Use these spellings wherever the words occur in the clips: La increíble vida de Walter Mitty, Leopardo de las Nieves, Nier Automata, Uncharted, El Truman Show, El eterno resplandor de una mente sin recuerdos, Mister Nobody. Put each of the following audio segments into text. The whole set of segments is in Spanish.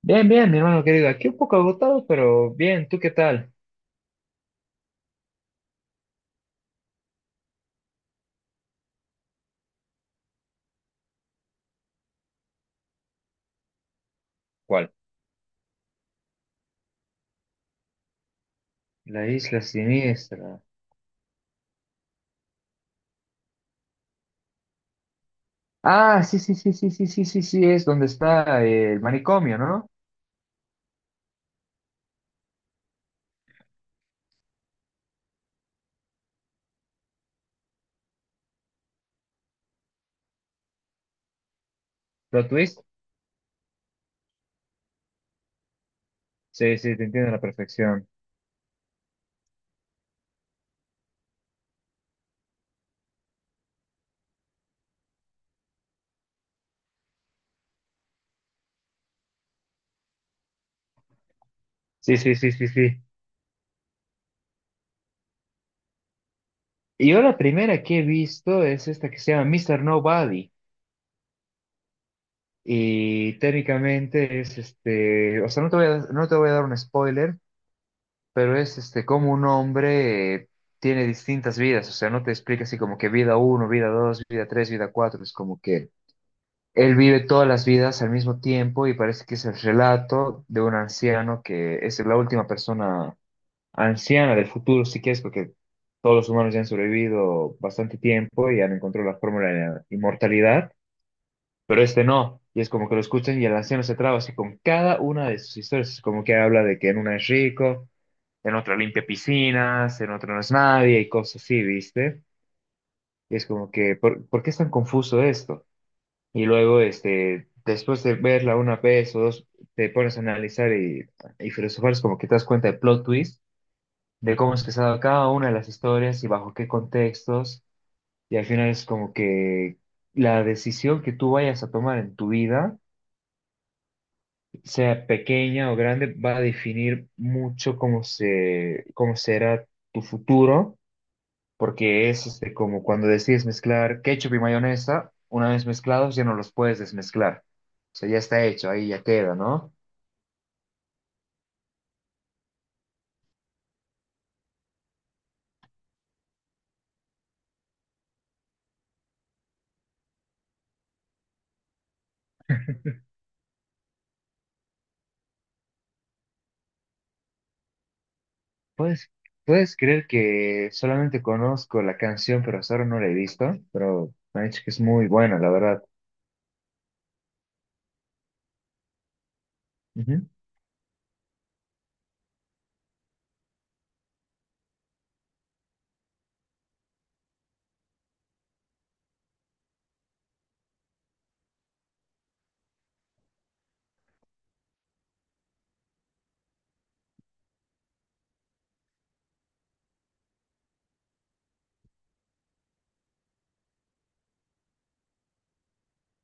Bien, bien, mi hermano querido. Aquí un poco agotado, pero bien. ¿Tú qué tal? ¿Cuál? La isla siniestra. Ah, sí, sí, sí, sí, sí, sí, sí, sí, es donde está el manicomio, ¿no? ¿Plot twist? Sí, sí, te entiendo a la perfección. Sí, sí, sí, sí, sí. Y yo la primera que he visto es esta que se llama Mister Nobody. Y técnicamente es o sea, no te voy a dar un spoiler. Pero es como un hombre tiene distintas vidas, o sea, no te explica así como que vida uno, vida dos, vida tres, vida cuatro, es como que él vive todas las vidas al mismo tiempo y parece que es el relato de un anciano que es la última persona anciana del futuro, si quieres, porque todos los humanos ya han sobrevivido bastante tiempo y han encontrado la fórmula de la inmortalidad, pero este no. Y es como que lo escuchan y el anciano se traba así con cada una de sus historias. Es como que habla de que en una es rico, en otra limpia piscinas, en otra no es nadie y cosas así, ¿viste? Y es como que, ¿por qué es tan confuso esto? Y luego, después de verla una vez o dos, te pones a analizar y filosofar, es como que te das cuenta de plot twist, de cómo es que se ha dado cada una de las historias y bajo qué contextos, y al final es como que la decisión que tú vayas a tomar en tu vida, sea pequeña o grande, va a definir mucho cómo será tu futuro porque es como cuando decides mezclar ketchup y mayonesa, una vez mezclados ya no los puedes desmezclar. O sea, ya está hecho, ahí ya queda, ¿no? Puedes, puedes creer que solamente conozco la canción, pero hasta ahora no la he visto, pero me han dicho que es muy buena, la verdad. Ujú,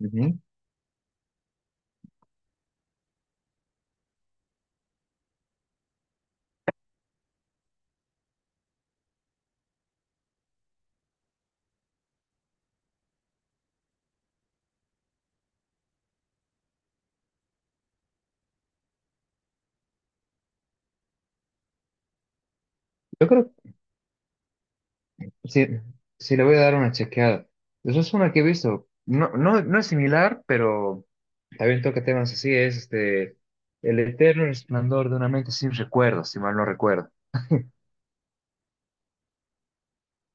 ujú. Yo creo que sí, sí le voy a dar una chequeada. Esa es una que he visto. No, no es similar, pero también toca temas así, es El eterno resplandor de una mente sin recuerdos, si mal no recuerdo.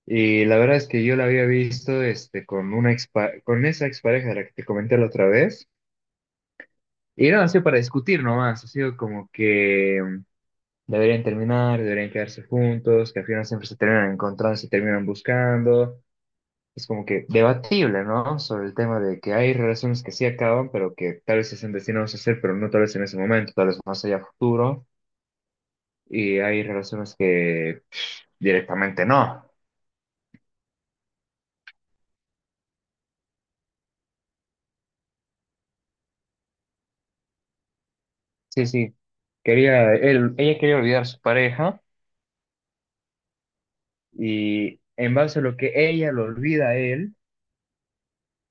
Y la verdad es que yo la había visto con una con esa expareja de la que te comenté la otra vez. Y no, ha sido para discutir nomás. Ha sido como que deberían terminar, deberían quedarse juntos, que al final siempre se terminan encontrando, se terminan buscando. Es como que debatible, ¿no? Sobre el tema de que hay relaciones que sí acaban, pero que tal vez se estén destinados a hacer, pero no tal vez en ese momento, tal vez más allá a futuro. Y hay relaciones que pff, directamente no. Sí, sí. Ella quería olvidar a su pareja. Y en base a lo que ella lo olvida a él,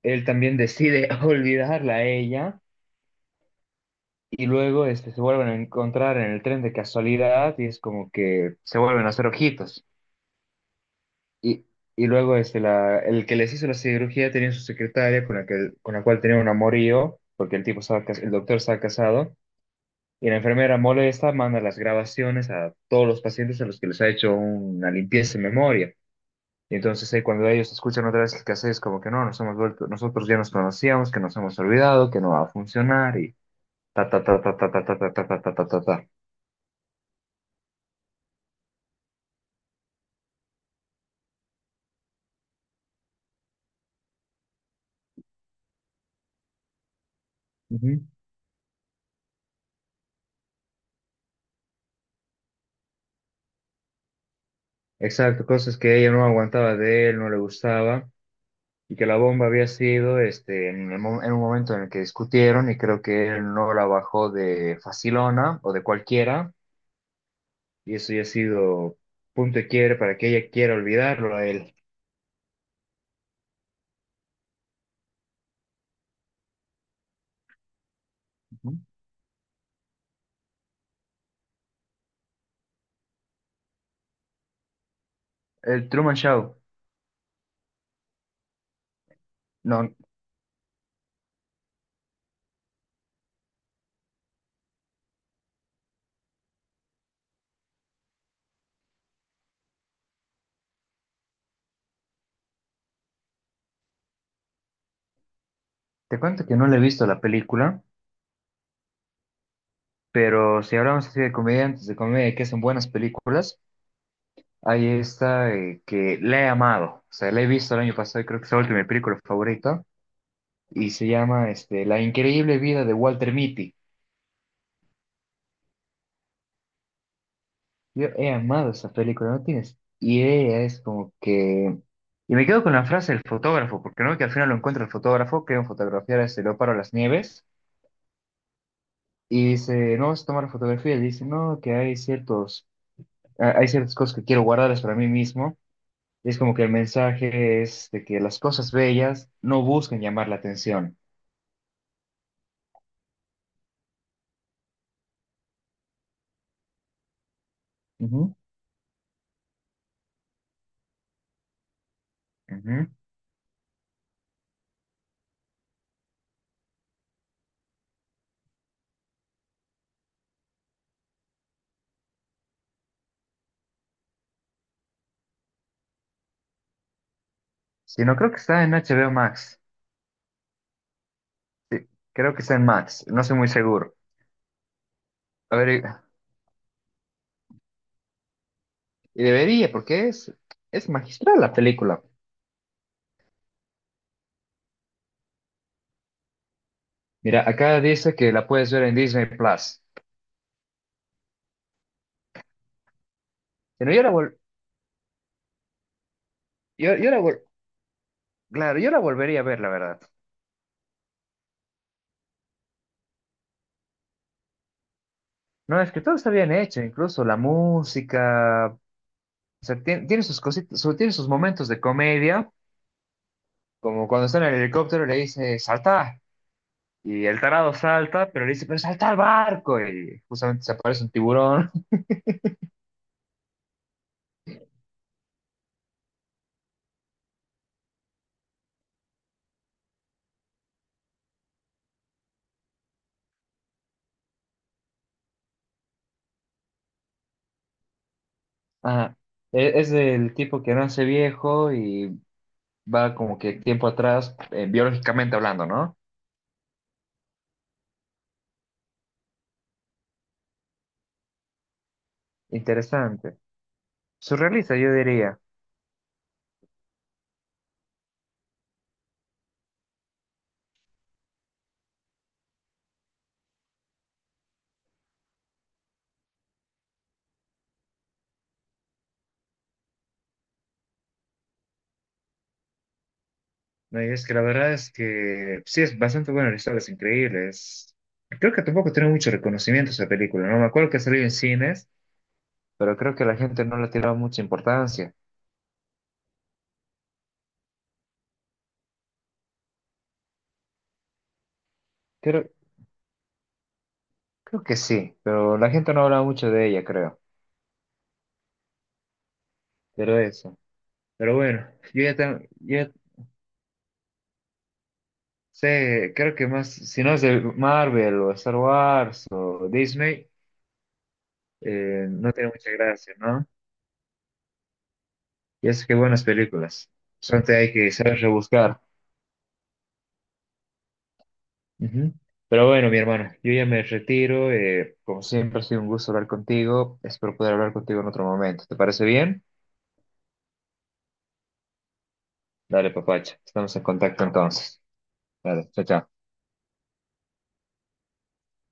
él también decide olvidarla a ella. Y luego se vuelven a encontrar en el tren de casualidad y es como que se vuelven a hacer ojitos. Y, y luego el que les hizo la cirugía tenía su secretaria con la cual tenía un amorío, porque el tipo el doctor estaba casado. Y la enfermera molesta, manda las grabaciones a todos los pacientes a los que les ha hecho una limpieza de memoria. Y entonces ahí cuando ellos escuchan otra vez que haces como que no, nosotros ya nos conocíamos, que nos hemos olvidado, que no va a funcionar y ta ta ta ta ta ta ta ta ta ta ta ta ta ta. Ujú. Exacto, cosas que ella no aguantaba de él, no le gustaba y que la bomba había sido en un momento en el que discutieron y creo que él no la bajó de facilona o de cualquiera y eso ya ha sido punto y quiere para que ella quiera olvidarlo a él. Ujú. El Truman Show. No, te cuento que no le he visto la película. Pero si hablamos así de comediantes, de comedia que hacen buenas películas, hay esta que la he amado. O sea, la he visto el año pasado y creo que se ha vuelto mi película favorita. Y se llama La increíble vida de Walter Mitty. Yo he amado esa película, no tienes idea, es como que... Y me quedo con la frase del fotógrafo, porque no que al final lo encuentra el fotógrafo, que iba a fotografiar a este Leopardo de las Nieves, y dice, no vas a tomar fotografía y dice, no, que hay hay ciertas cosas que quiero guardarlas para mí mismo. Y es como que el mensaje es de que las cosas bellas no buscan llamar la atención. Ujú, ujú. Sí, no creo que está en HBO Max. Sí, creo que está en Max. No estoy muy seguro. A ver, y debería, porque es magistral la película. Mira, acá dice que la puedes ver en Disney Plus. Pero yo la vol- yo, yo la vol- claro, yo la volvería a ver, la verdad. No, es que todo está bien hecho, incluso la música. O sea, tiene sus momentos de comedia. Como cuando está en el helicóptero le dice, salta. Y el tarado salta, pero le dice, pero salta al barco. Y justamente se aparece un tiburón. Ajá. Es el tipo que nace viejo y va como que tiempo atrás, biológicamente hablando, ¿no? Interesante. Surrealista, yo diría. No, y es que la verdad es que sí, es bastante buena la historia, es increíble. Creo que tampoco tiene mucho reconocimiento esa película, ¿no? Me acuerdo que salió en cines, pero creo que la gente no le tiraba mucha importancia. Creo, Creo que sí, pero la gente no habla mucho de ella, creo. Pero eso. Pero bueno, yo ya sé, creo que más, si no es de Marvel o Star Wars o Disney, no tiene mucha gracia, ¿no? Y es que buenas películas. Solamente hay que saber rebuscar. Ujú. Pero bueno, mi hermano, yo ya me retiro. Como siempre, ha sido un gusto hablar contigo. Espero poder hablar contigo en otro momento. ¿Te parece bien? Dale, papacha. Estamos en contacto entonces. Dale, chao, chao.